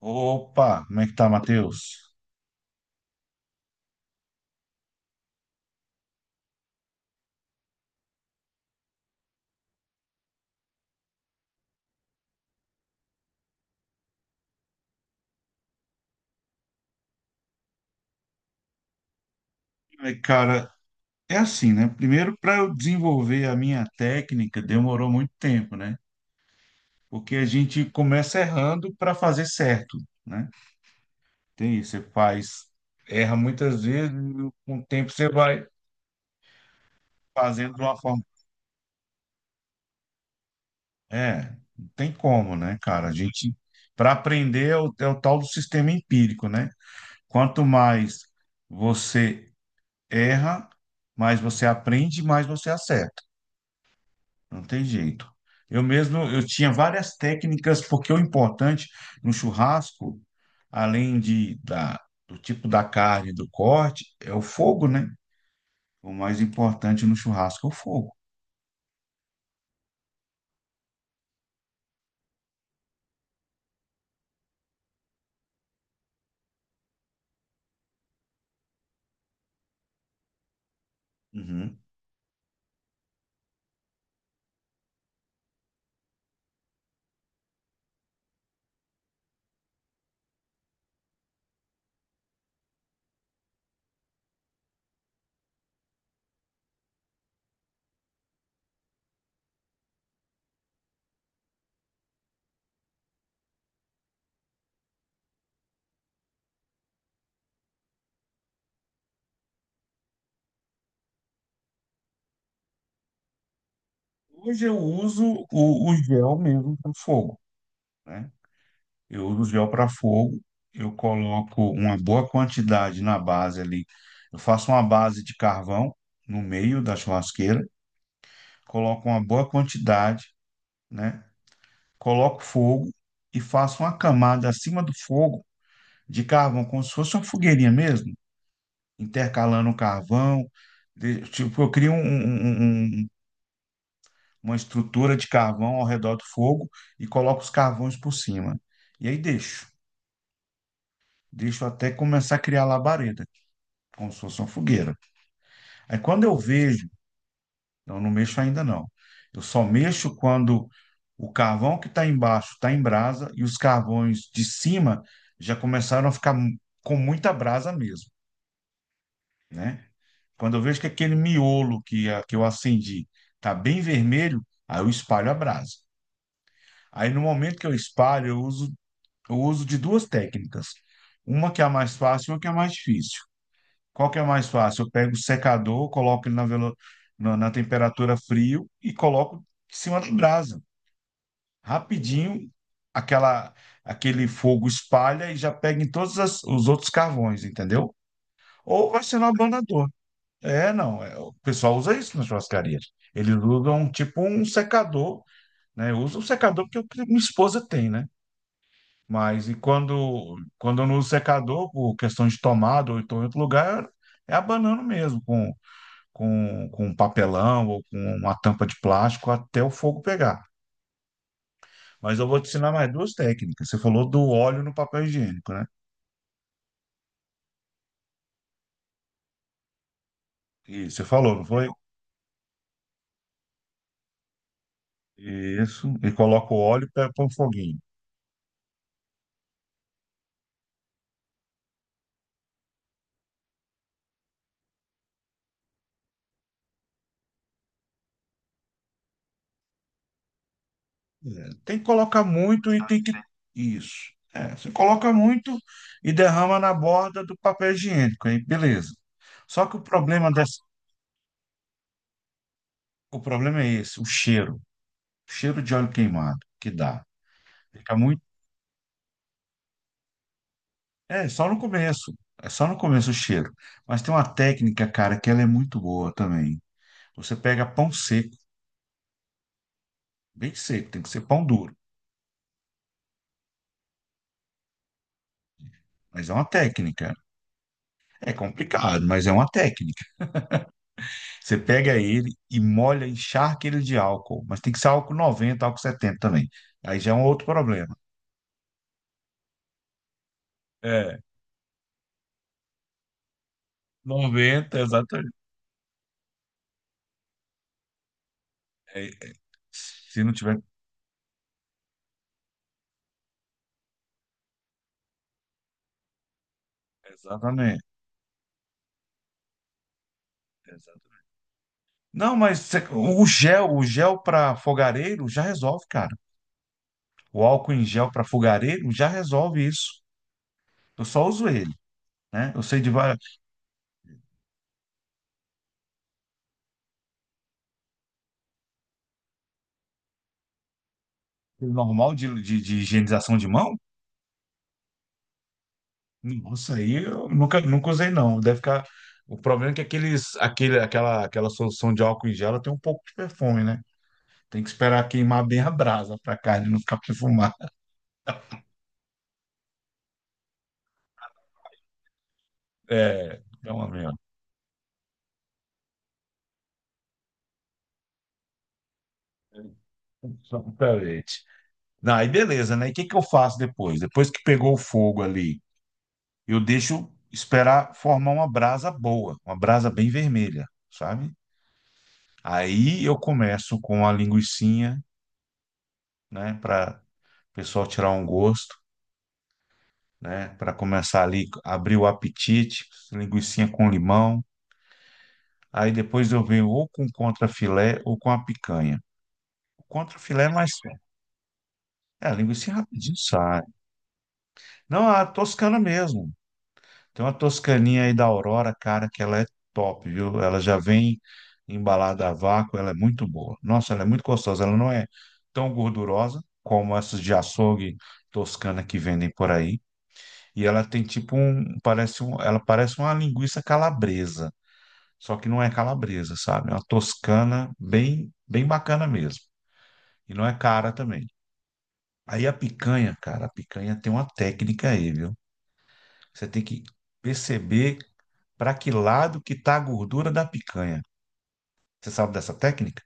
Opa, como é que tá, Matheus? Cara, é assim, né? Primeiro, para eu desenvolver a minha técnica, demorou muito tempo, né? Porque a gente começa errando para fazer certo, né? Tem isso, você faz, erra muitas vezes, e com o tempo você vai fazendo de uma forma. É, não tem como, né, cara? A gente, para aprender, é o tal do sistema empírico, né? Quanto mais você erra, mais você aprende, mais você acerta. Não tem jeito. Eu mesmo, eu tinha várias técnicas, porque o importante no churrasco, além do tipo da carne, do corte, é o fogo, né? O mais importante no churrasco é o fogo. Uhum. Hoje eu uso o gel mesmo para fogo, né? Eu uso o gel para fogo, eu coloco uma boa quantidade na base ali. Eu faço uma base de carvão no meio da churrasqueira, coloco uma boa quantidade, né? Coloco fogo e faço uma camada acima do fogo de carvão, como se fosse uma fogueirinha mesmo, intercalando o carvão. Tipo, eu crio uma estrutura de carvão ao redor do fogo e coloco os carvões por cima. E aí deixo, deixo até começar a criar labareda, como se fosse uma fogueira. Aí quando eu vejo. Não, mexo ainda não. Eu só mexo quando o carvão que está embaixo está em brasa e os carvões de cima já começaram a com muita brasa mesmo, né? Quando eu vejo que aquele miolo que eu acendi está bem vermelho, aí eu espalho a brasa. Aí no momento que eu espalho, eu uso de duas técnicas. Uma que é a mais fácil e uma que é a mais difícil. Qual que é a mais fácil? Eu pego o secador, coloco ele na temperatura frio e coloco em cima da brasa. Rapidinho, aquela, aquele fogo espalha e já pega em os outros carvões, entendeu? Ou vai ser no abanador. É, não. é, O pessoal usa isso na churrascaria. Eles usam tipo um secador, né? Usa um secador porque o que minha esposa tem, né? Mas e quando eu não uso secador, por questão de tomada ou então em outro lugar, é abanando mesmo, com papelão ou com uma tampa de plástico até o fogo pegar. Mas eu vou te ensinar mais duas técnicas. Você falou do óleo no papel higiênico, né? E você falou, não foi? Isso. E coloca o óleo para um foguinho. É, tem que colocar muito e tem que. Isso. É, você coloca muito e derrama na borda do papel higiênico, aí beleza. Só que o problema dessa... o problema é esse, o cheiro. O cheiro de óleo queimado que dá. Fica muito. É, só no começo. É só no começo o cheiro. Mas tem uma técnica, cara, que ela é muito boa também. Você pega pão seco. Bem seco, tem que ser pão duro. Mas é uma técnica. É complicado, mas é uma técnica. Você pega ele e molha, encharca ele de álcool. Mas tem que ser álcool 90, álcool 70 também. Aí já é um outro problema. É, 90 exatamente. É, é, se não tiver. Exatamente. Exatamente. Não, mas você- o gel para fogareiro já resolve, cara. O álcool em gel para fogareiro já resolve isso. Eu só uso ele, né? Eu sei de várias, normal de higienização de mão. Nossa, aí eu nunca usei, não. Deve ficar. O problema é que aquela solução de álcool em gel, ela tem um pouco de perfume, né? Tem que esperar queimar bem a brasa para a carne não ficar perfumada. É, é pelo menos. Exatamente. Não, aí beleza, né? E o que que eu faço depois? Depois que pegou o fogo ali, eu deixo esperar formar uma brasa boa, uma brasa bem vermelha, sabe? Aí eu começo com a linguicinha, né? Para o pessoal tirar um gosto, né? Para começar ali, abrir o apetite, linguicinha com limão. Aí depois eu venho ou com contrafilé ou com a picanha. O contrafilé é mais. É, a linguiça rapidinho sai. Não, a toscana mesmo. Tem uma toscaninha aí da Aurora, cara, que ela é top, viu? Ela já vem embalada a vácuo, ela é muito boa. Nossa, ela é muito gostosa. Ela não é tão gordurosa como essas de açougue toscana que vendem por aí. E ela tem tipo um, parece um, ela parece uma linguiça calabresa. Só que não é calabresa, sabe? É uma toscana bem bacana mesmo. E não é cara também. Aí a picanha, cara, a picanha tem uma técnica aí, viu? Você tem que perceber para que lado que tá a gordura da picanha. Você sabe dessa técnica?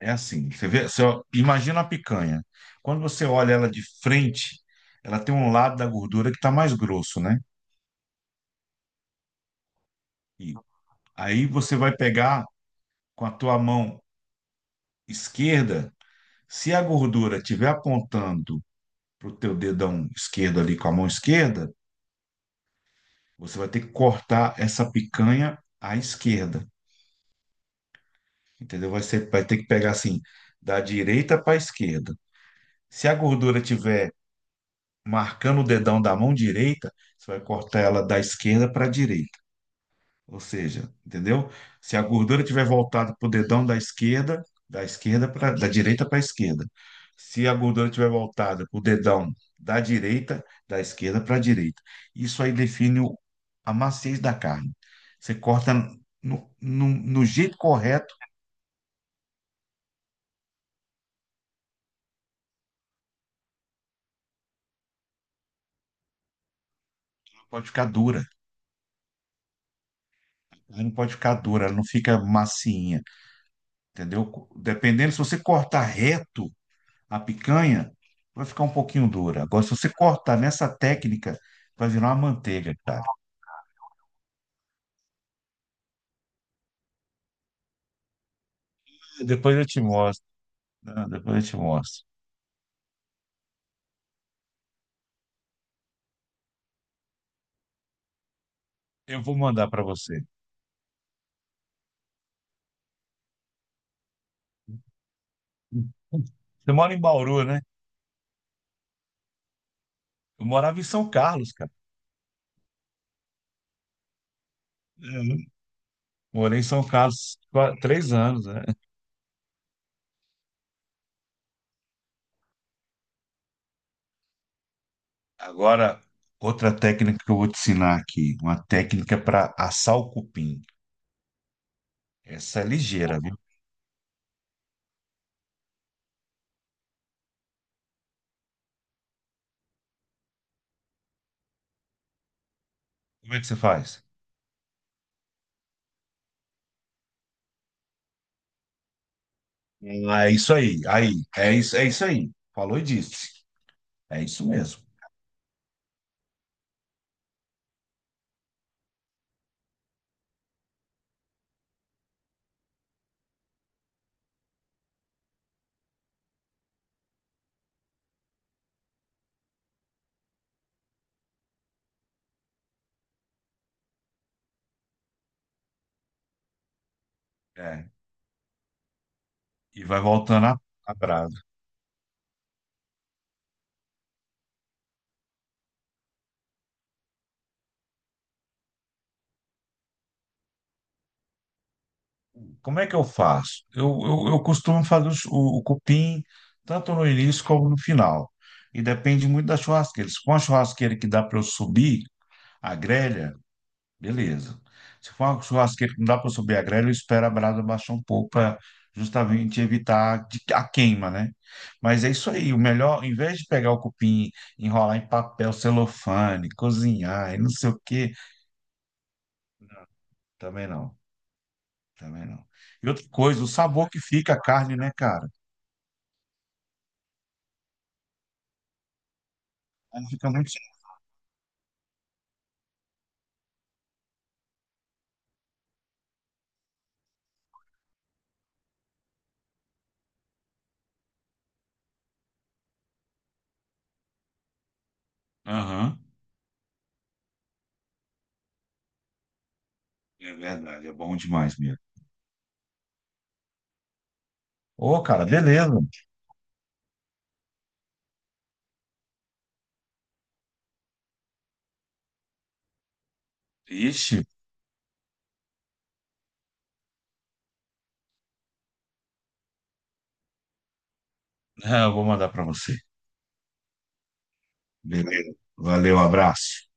É assim, você vê, você ó, imagina a picanha. Quando você olha ela de frente, ela tem um lado da gordura que tá mais grosso, né? E aí você vai pegar com a tua mão esquerda, se a gordura estiver apontando para o teu dedão esquerdo ali com a mão esquerda, você vai ter que cortar essa picanha à esquerda, entendeu? Vai ser, vai ter que pegar assim, da direita para a esquerda. Se a gordura tiver marcando o dedão da mão direita, você vai cortar ela da esquerda para a direita. Ou seja, entendeu? Se a gordura tiver voltada para o dedão da esquerda para da direita para a esquerda. Se a gordura tiver voltada para o dedão da direita, da esquerda para a direita. Isso aí define o- a maciez da carne. Você corta no jeito correto, ela pode ficar dura. Ela não pode ficar dura, ela não fica macinha, entendeu? Dependendo, se você cortar reto, a picanha, vai ficar um pouquinho dura. Agora, se você cortar nessa técnica, vai virar uma manteiga, cara. Depois eu te mostro, né? Depois eu te mostro. Eu vou mandar para você. Você mora em Bauru, né? Eu morava em São Carlos, cara. Uhum. Morei em São Carlos 3 anos, né? Agora, outra técnica que eu vou te ensinar aqui, uma técnica para assar o cupim. Essa é ligeira, viu? Como é que você faz? Ah, é isso aí, é isso aí. Falou e disse. É isso mesmo. É. E vai voltando a brasa. Como é que eu faço? Eu costumo fazer o cupim tanto no início como no final. E depende muito da churrasqueira. Se for uma churrasqueira que dá para eu subir a grelha, beleza. Se for uma churrasqueira que não dá para eu subir a grelha, eu espero a brasa baixar um pouco para justamente a queima, né? Mas é isso aí. O melhor, em vez de pegar o cupim, enrolar em papel celofane, cozinhar e não sei o quê, também não. Também não. E outra coisa, o sabor que fica a carne, né, cara? Ela fica muito. Aham, é verdade, é bom demais mesmo. Ô, cara, beleza. Ixi, eu vou mandar pra você. Beleza. Valeu, abraço.